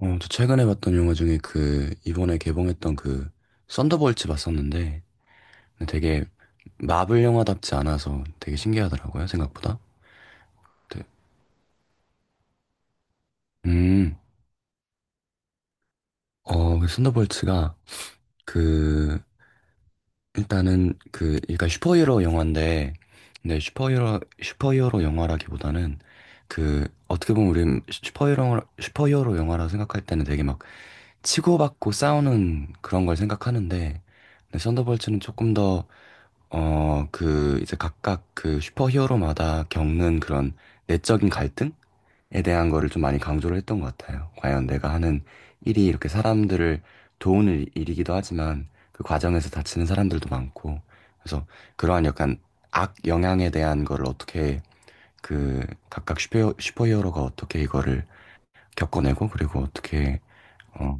저 최근에 봤던 영화 중에 이번에 개봉했던 썬더볼츠 봤었는데, 되게 마블 영화답지 않아서 되게 신기하더라고요, 생각보다. 네. 음, 그 썬더볼츠가 그, 일단은 그러니까 슈퍼히어로 영화인데, 근데 슈퍼히어로 영화라기보다는 어떻게 보면 우리 슈퍼히어로 영화라 생각할 때는 되게 막 치고받고 싸우는 그런 걸 생각하는데, 근데 썬더볼츠는 조금 더 이제 각각 그 슈퍼히어로마다 겪는 그런 내적인 갈등에 대한 거를 좀 많이 강조를 했던 것 같아요. 과연 내가 하는 일이 이렇게 사람들을 도우는 일이기도 하지만 그 과정에서 다치는 사람들도 많고, 그래서 그러한 약간 악 영향에 대한 거를 어떻게 그 각각 슈퍼히어로가 어떻게 이거를 겪어내고 그리고 어떻게 어,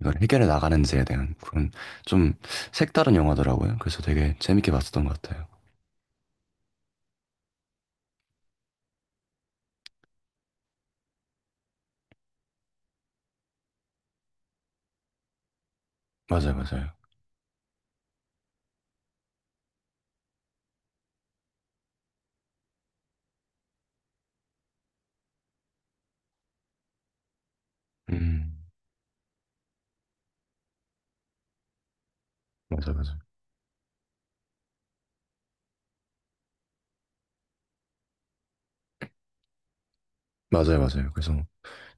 이걸 해결해 나가는지에 대한 그런 좀 색다른 영화더라고요. 그래서 되게 재밌게 봤었던 것 같아요. 맞아요, 맞아요. 음, 맞아요, 맞아요. 맞아요, 맞아요. 그래서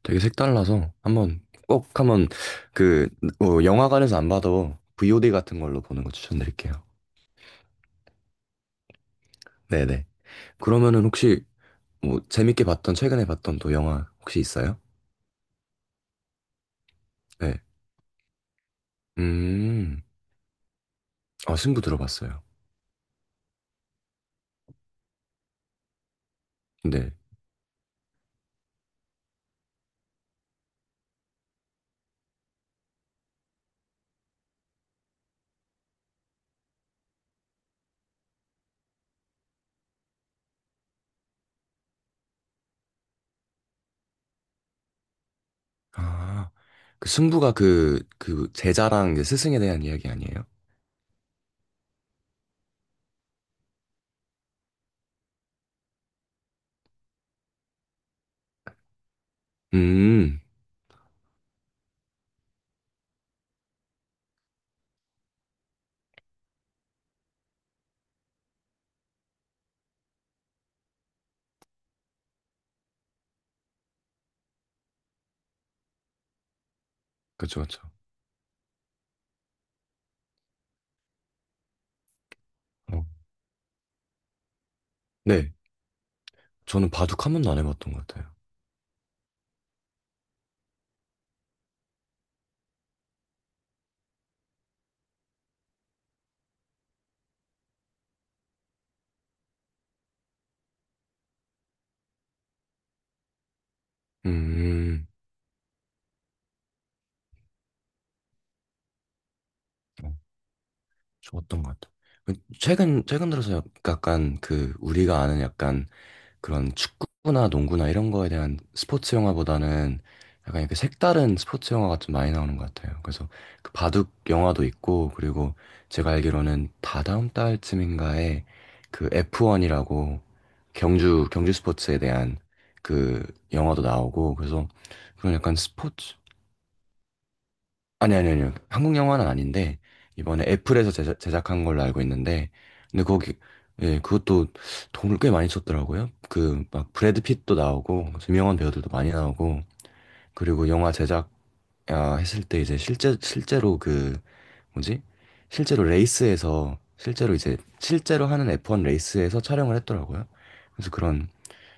되게 색달라서 한번 꼭 그 영화관에서 안 봐도 VOD 같은 걸로 보는 거 추천드릴게요. 네네. 그러면은 혹시 뭐 재밌게 봤던 최근에 봤던 또 영화 혹시 있어요? 네. 음, 아 승부 들어봤어요. 네. 아, 그 승부가 그 제자랑 이제 스승에 대한 이야기 아니에요? 음, 그쵸, 그쵸. 어. 네. 저는 바둑 한 번도 안 해봤던 것 같아요. 음. 어. 좋았던 것 같아. 그 최근 들어서 약간 그 우리가 아는 약간 그런 축구나 농구나 이런 거에 대한 스포츠 영화보다는 약간 이렇게 색다른 스포츠 영화가 좀 많이 나오는 것 같아요. 그래서 그 바둑 영화도 있고 그리고 제가 알기로는 다다음 달쯤인가에 그 F1이라고 경주 스포츠에 대한 그 영화도 나오고 그래서 그런 약간 스포츠 아니, 아니, 아니요. 한국 영화는 아닌데, 이번에 애플에서 제작한 걸로 알고 있는데, 근데 거기, 예, 그것도 돈을 꽤 많이 썼더라고요. 브래드 핏도 나오고, 유명한 배우들도 많이 나오고, 그리고 했을 때 이제 실제로 그, 뭐지? 실제로 레이스에서, 실제로 하는 F1 레이스에서 촬영을 했더라고요. 그래서 그런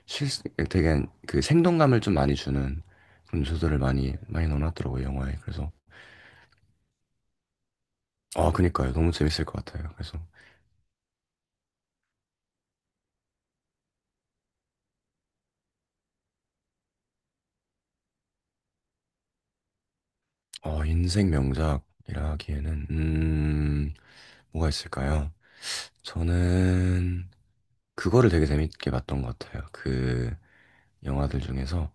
실, 되게 그 생동감을 좀 많이 주는 그런 요소들을 많이 넣어놨더라고요, 영화에. 그래서 아, 그니까요. 너무 재밌을 것 같아요. 그래서, 인생 명작이라 기에는 뭐가 있을까요? 저는, 그거를 되게 재밌게 봤던 것 같아요. 그, 영화들 중에서.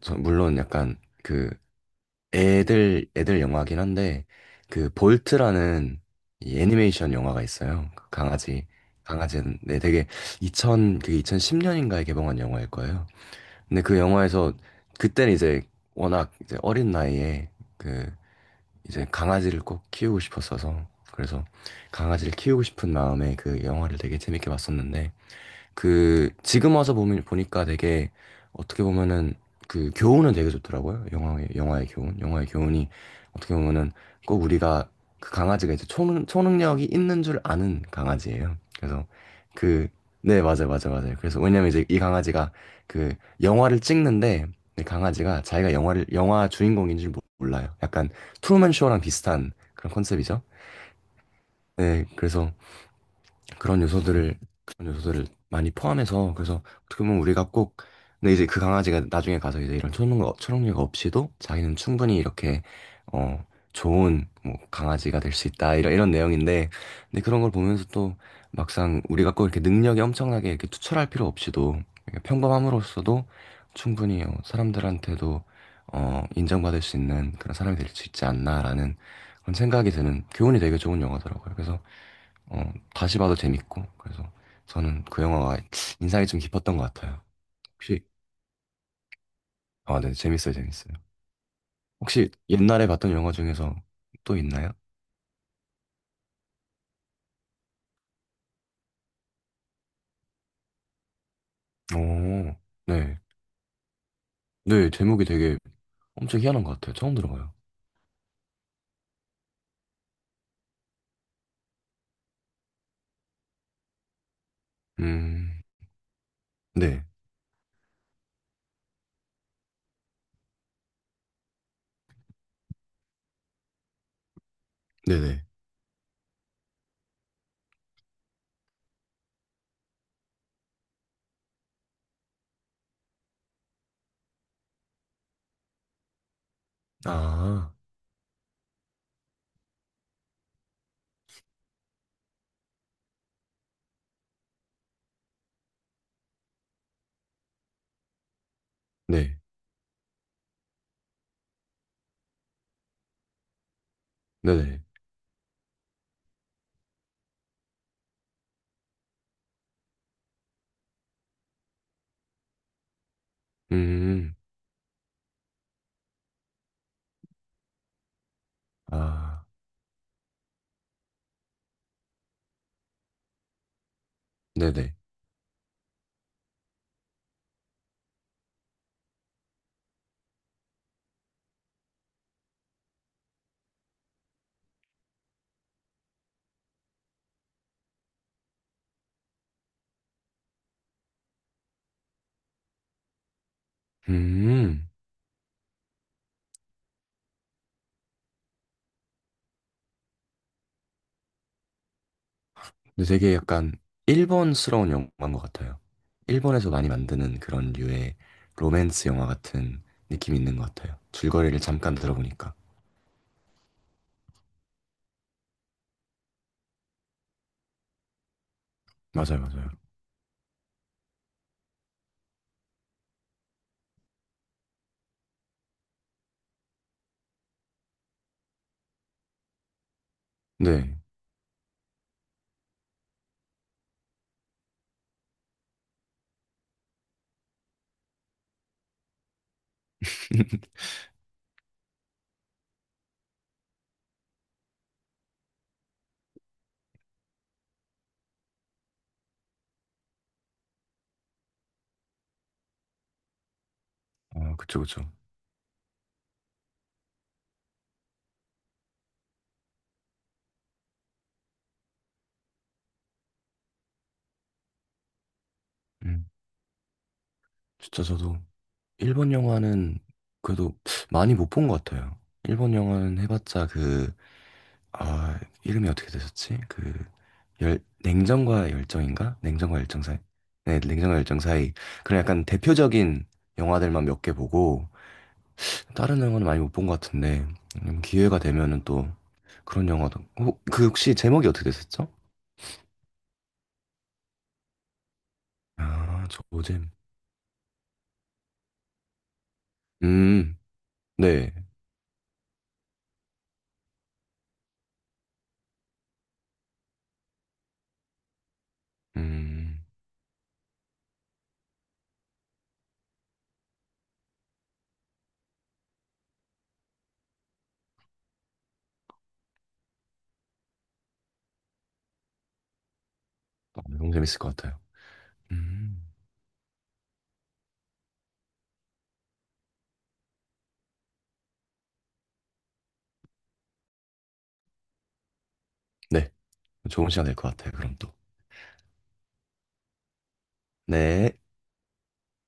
물론 약간, 그, 애들 영화긴 한데, 그, 볼트라는 이 애니메이션 영화가 있어요. 그 강아지, 강아지는, 네, 되게, 2000, 그게 2010년인가에 개봉한 영화일 거예요. 근데 그 영화에서, 그때는 이제, 워낙 이제 어린 나이에, 그 이제 강아지를 꼭 키우고 싶었어서 그래서 강아지를 키우고 싶은 마음에 그 영화를 되게 재밌게 봤었는데 그 지금 와서 보면 보니까 되게 어떻게 보면은 그 교훈은 되게 좋더라고요. 영화의 교훈이 어떻게 보면은 꼭 우리가 그 강아지가 이제 초능력이 있는 줄 아는 강아지예요. 그래서 그 네, 맞아요. 그래서 왜냐면 이제 이 강아지가 그 영화를 찍는데 이 강아지가 자기가 영화 주인공인 줄 몰라요. 약간 트루먼 쇼랑 비슷한 그런 컨셉이죠. 네, 그래서 그런 요소들을 그런 요소들을 많이 포함해서 그래서 어떻게 보면 우리가 꼭 근데 이제 그 강아지가 나중에 가서 이제 이런 초능력 없이도 자기는 충분히 이렇게 어 좋은 뭐 강아지가 될 수 있다 이런 내용인데 근데 그런 걸 보면서 또 막상 우리가 꼭 이렇게 능력이 엄청나게 이렇게 투철할 필요 없이도 이렇게 평범함으로써도 충분히 사람들한테도 인정받을 수 있는 그런 사람이 될 수 있지 않나라는 그런 생각이 드는 교훈이 되게 좋은 영화더라고요. 그래서 어, 다시 봐도 재밌고 그래서 저는 그 영화가 인상이 좀 깊었던 것 같아요. 혹시 아, 네, 재밌어요, 재밌어요. 혹시 옛날에 봤던 영화 중에서 또 있나요? 오, 네, 네, 제목이 되게 엄청 희한한 것 같아요. 처음 들어봐요. 음, 네, 네네. 아, 네, 네네. 음, 아, 네네. 음. 근데 되게 약간 일본스러운 영화인 것 같아요. 일본에서 많이 만드는 그런 류의 로맨스 영화 같은 느낌이 있는 것 같아요. 줄거리를 잠깐 들어보니까. 맞아요, 맞아요. 네. 아, 그쵸, 그쵸. 음. 진짜 저도 일본 영화는 그래도 많이 못 본 것 같아요. 일본 영화는 해봤자 그, 아, 이름이 어떻게 되셨지? 열, 냉정과 열정인가? 냉정과 열정 사이? 네, 냉정과 열정 사이. 그런 약간 대표적인 영화들만 몇 개 보고, 다른 영화는 많이 못 본 것 같은데 기회가 되면은 또 그런 영화도 그 혹시 제목이 어떻게 됐었죠? 아, 저잼. 음, 네. 음, 아, 너무 재밌을 것 같아요. 음, 네. 좋은 시간 될 것 같아요, 그럼 또. 네.